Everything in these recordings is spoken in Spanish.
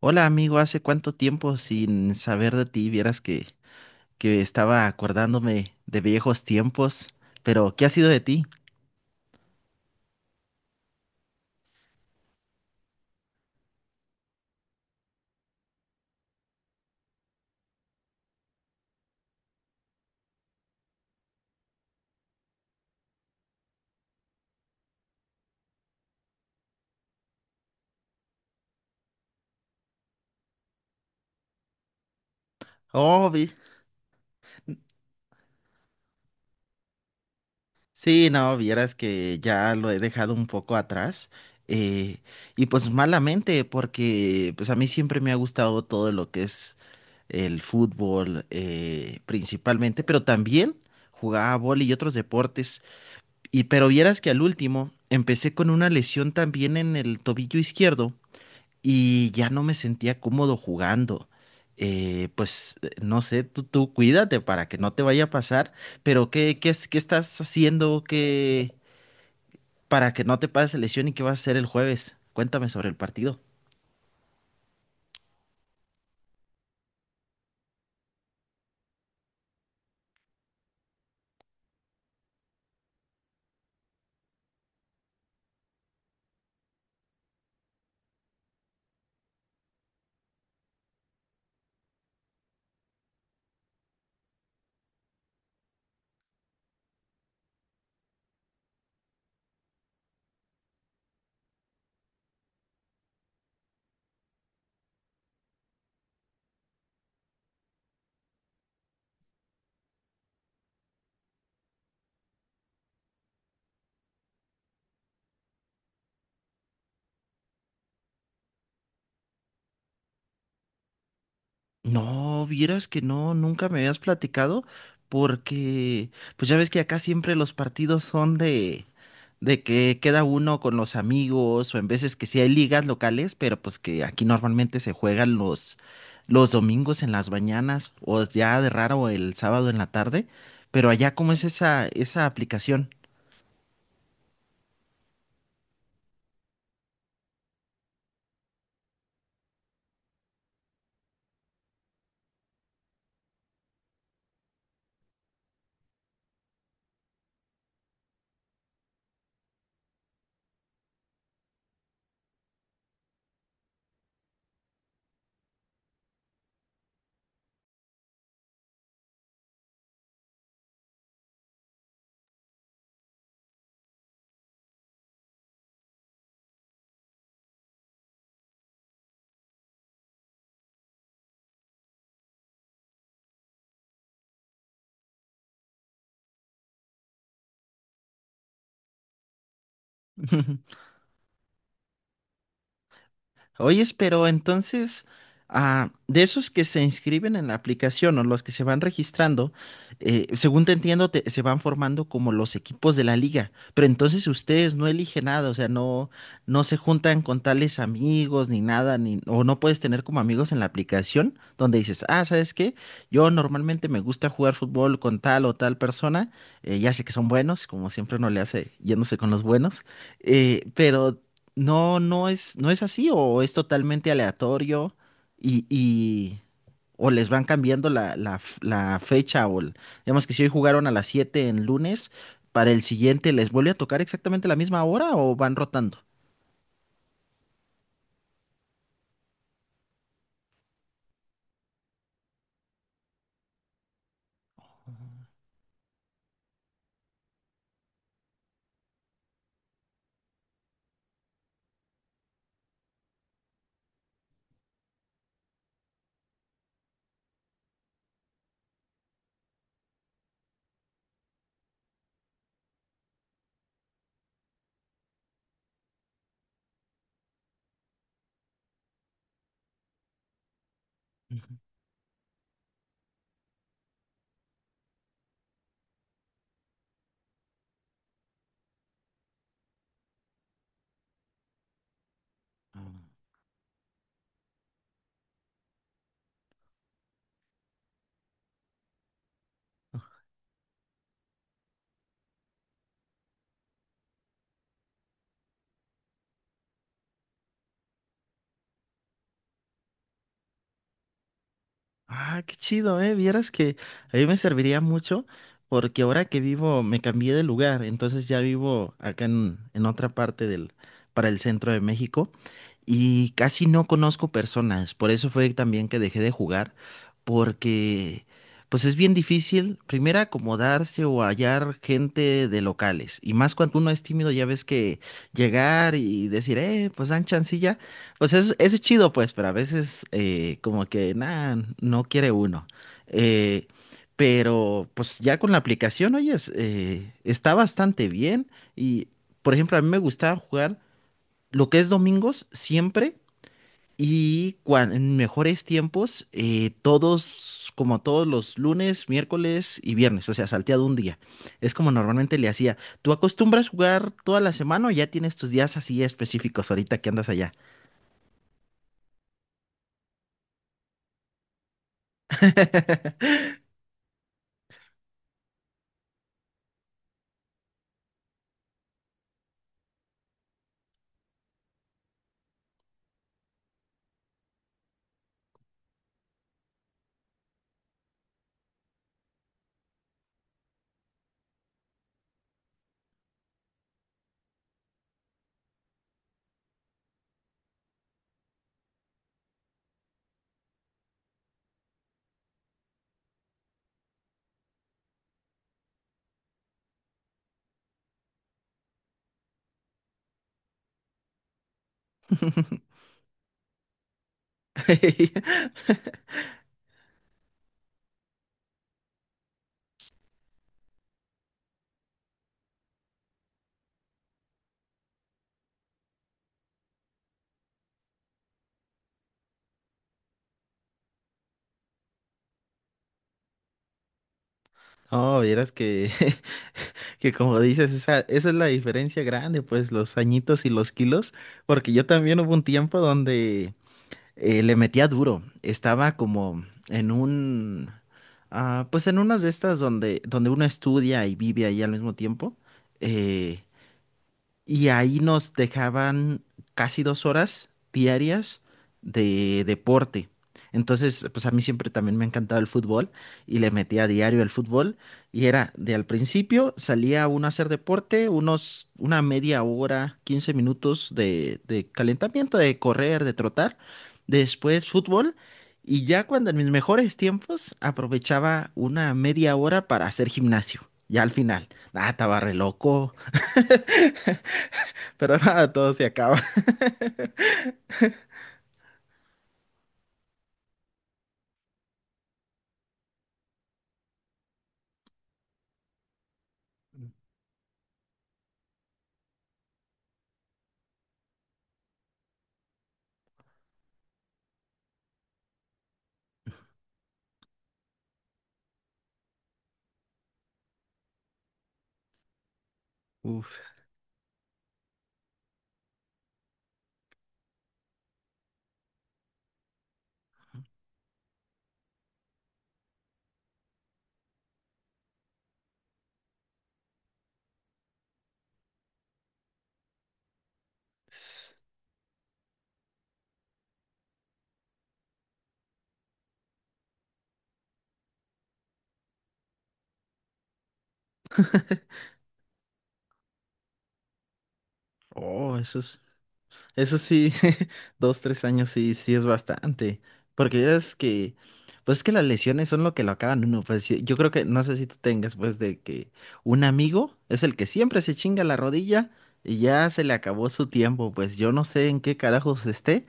Hola amigo, hace cuánto tiempo sin saber de ti, vieras que estaba acordándome de viejos tiempos, pero ¿qué ha sido de ti? Oh, vi. Sí, no, vieras que ya lo he dejado un poco atrás. eh, y pues malamente, porque pues a mí siempre me ha gustado todo lo que es el fútbol principalmente, pero también jugaba vóley y otros deportes. Y pero vieras que al último empecé con una lesión también en el tobillo izquierdo y ya no me sentía cómodo jugando. No sé, tú cuídate para que no te vaya a pasar, pero ¿qué estás haciendo que para que no te pase lesión, y ¿qué vas a hacer el jueves? Cuéntame sobre el partido. No, vieras que no, nunca me habías platicado, porque pues ya ves que acá siempre los partidos son de que queda uno con los amigos, o en veces que sí hay ligas locales, pero pues que aquí normalmente se juegan los domingos en las mañanas, o ya de raro el sábado en la tarde, pero allá, ¿cómo es esa aplicación? Oyes, pero entonces, ah, de esos que se inscriben en la aplicación o los que se van registrando, según te entiendo, se van formando como los equipos de la liga, pero entonces ustedes no eligen nada, o sea, no, no se juntan con tales amigos ni nada, ni, o no puedes tener como amigos en la aplicación donde dices, ah, ¿sabes qué? Yo normalmente me gusta jugar fútbol con tal o tal persona. Ya sé que son buenos, como siempre uno le hace yéndose con los buenos. Pero no, no es así, o es totalmente aleatorio, y, y- o les van cambiando la fecha, digamos que si hoy jugaron a las 7 en lunes, para el siguiente les vuelve a tocar exactamente la misma hora, o van rotando. Ujú. Ah. Ah, qué chido, ¿eh? Vieras que a mí me serviría mucho, porque ahora que vivo me cambié de lugar, entonces ya vivo acá en otra parte del, para el centro de México, y casi no conozco personas. Por eso fue también que dejé de jugar, porque pues es bien difícil primero acomodarse o hallar gente de locales, y más cuando uno es tímido. Ya ves que llegar y decir, pues dan chancilla, pues es chido, pues, pero a veces como que nada, no quiere uno. Eh, pero pues ya con la aplicación, oyes, está bastante bien. Y por ejemplo, a mí me gustaba jugar lo que es domingos siempre, y en mejores tiempos, todos, como todos los lunes, miércoles y viernes, o sea, salteado un día. Es como normalmente le hacía. ¿Tú acostumbras jugar toda la semana, o ya tienes tus días así específicos ahorita que andas allá? No, vieras que, que como dices, esa es la diferencia grande, pues los añitos y los kilos, porque yo también hubo un tiempo donde le metía duro, estaba como en un, ah, pues en unas de estas donde, donde uno estudia y vive ahí al mismo tiempo. eh, Y ahí nos dejaban casi 2 horas diarias de deporte. Entonces, pues a mí siempre también me ha encantado el fútbol, y le metía a diario el fútbol. Y era de al principio salía uno a hacer deporte, una media hora, 15 minutos de calentamiento, de correr, de trotar. Después fútbol. Y ya cuando en mis mejores tiempos aprovechaba una media hora para hacer gimnasio. Ya al final, nada, estaba re loco. Pero nada, todo se acaba. Uf. Oh, eso es, eso sí, 2, 3 años sí, sí es bastante. Porque ya es que, pues es que las lesiones son lo que lo acaban uno. Pues sí, yo creo que, no sé si tú tengas, pues de que un amigo es el que siempre se chinga la rodilla y ya se le acabó su tiempo. Pues yo no sé en qué carajos esté,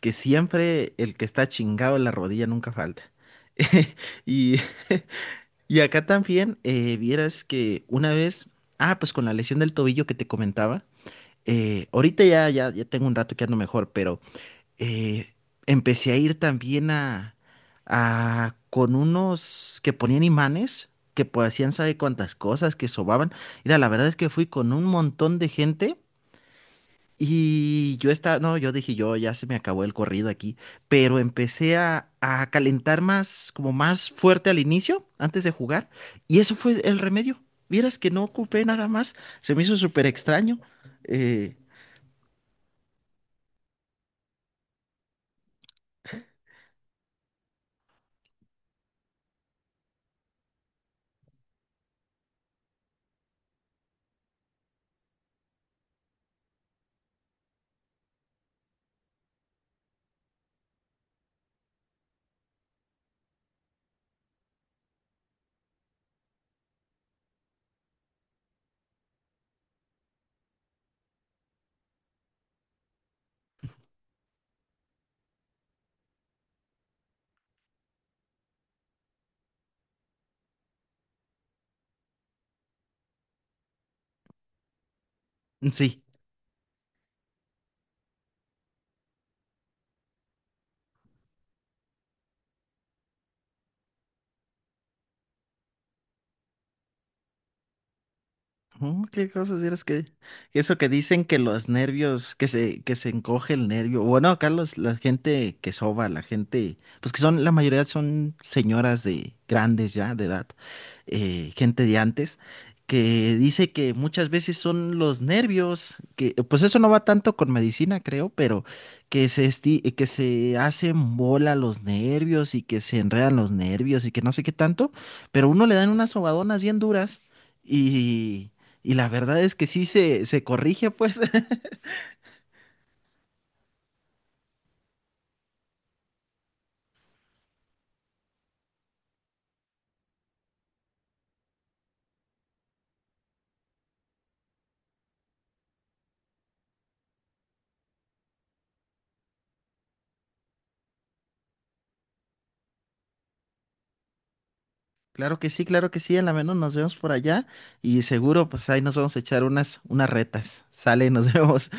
que siempre el que está chingado en la rodilla nunca falta. Y y acá también vieras que una vez, ah, pues con la lesión del tobillo que te comentaba, ahorita ya tengo un rato que ando mejor, pero eh, empecé a ir también a con unos que ponían imanes, que pues, hacían sabe cuántas cosas, que sobaban. Mira, la verdad es que fui con un montón de gente, y yo estaba, no, yo dije, yo ya se me acabó el corrido aquí, pero empecé a calentar más, como más fuerte al inicio, antes de jugar, y eso fue el remedio. Vieras que no ocupé nada más, se me hizo súper extraño. Eh, sí. Oh, qué cosas eres que eso que dicen que los nervios, que se encoge el nervio. Bueno, acá la gente que soba, la gente, pues que son, la mayoría son señoras de grandes ya, de edad, gente de antes, que dice que muchas veces son los nervios, que pues eso no va tanto con medicina, creo, pero que se hacen bola los nervios, y que se enredan los nervios, y que no sé qué tanto, pero uno le dan unas sobadonas bien duras. Y, y la verdad es que sí se corrige, pues. Claro que sí, claro que sí. A la menos nos vemos por allá. Y seguro, pues ahí nos vamos a echar unas retas. Sale, nos vemos.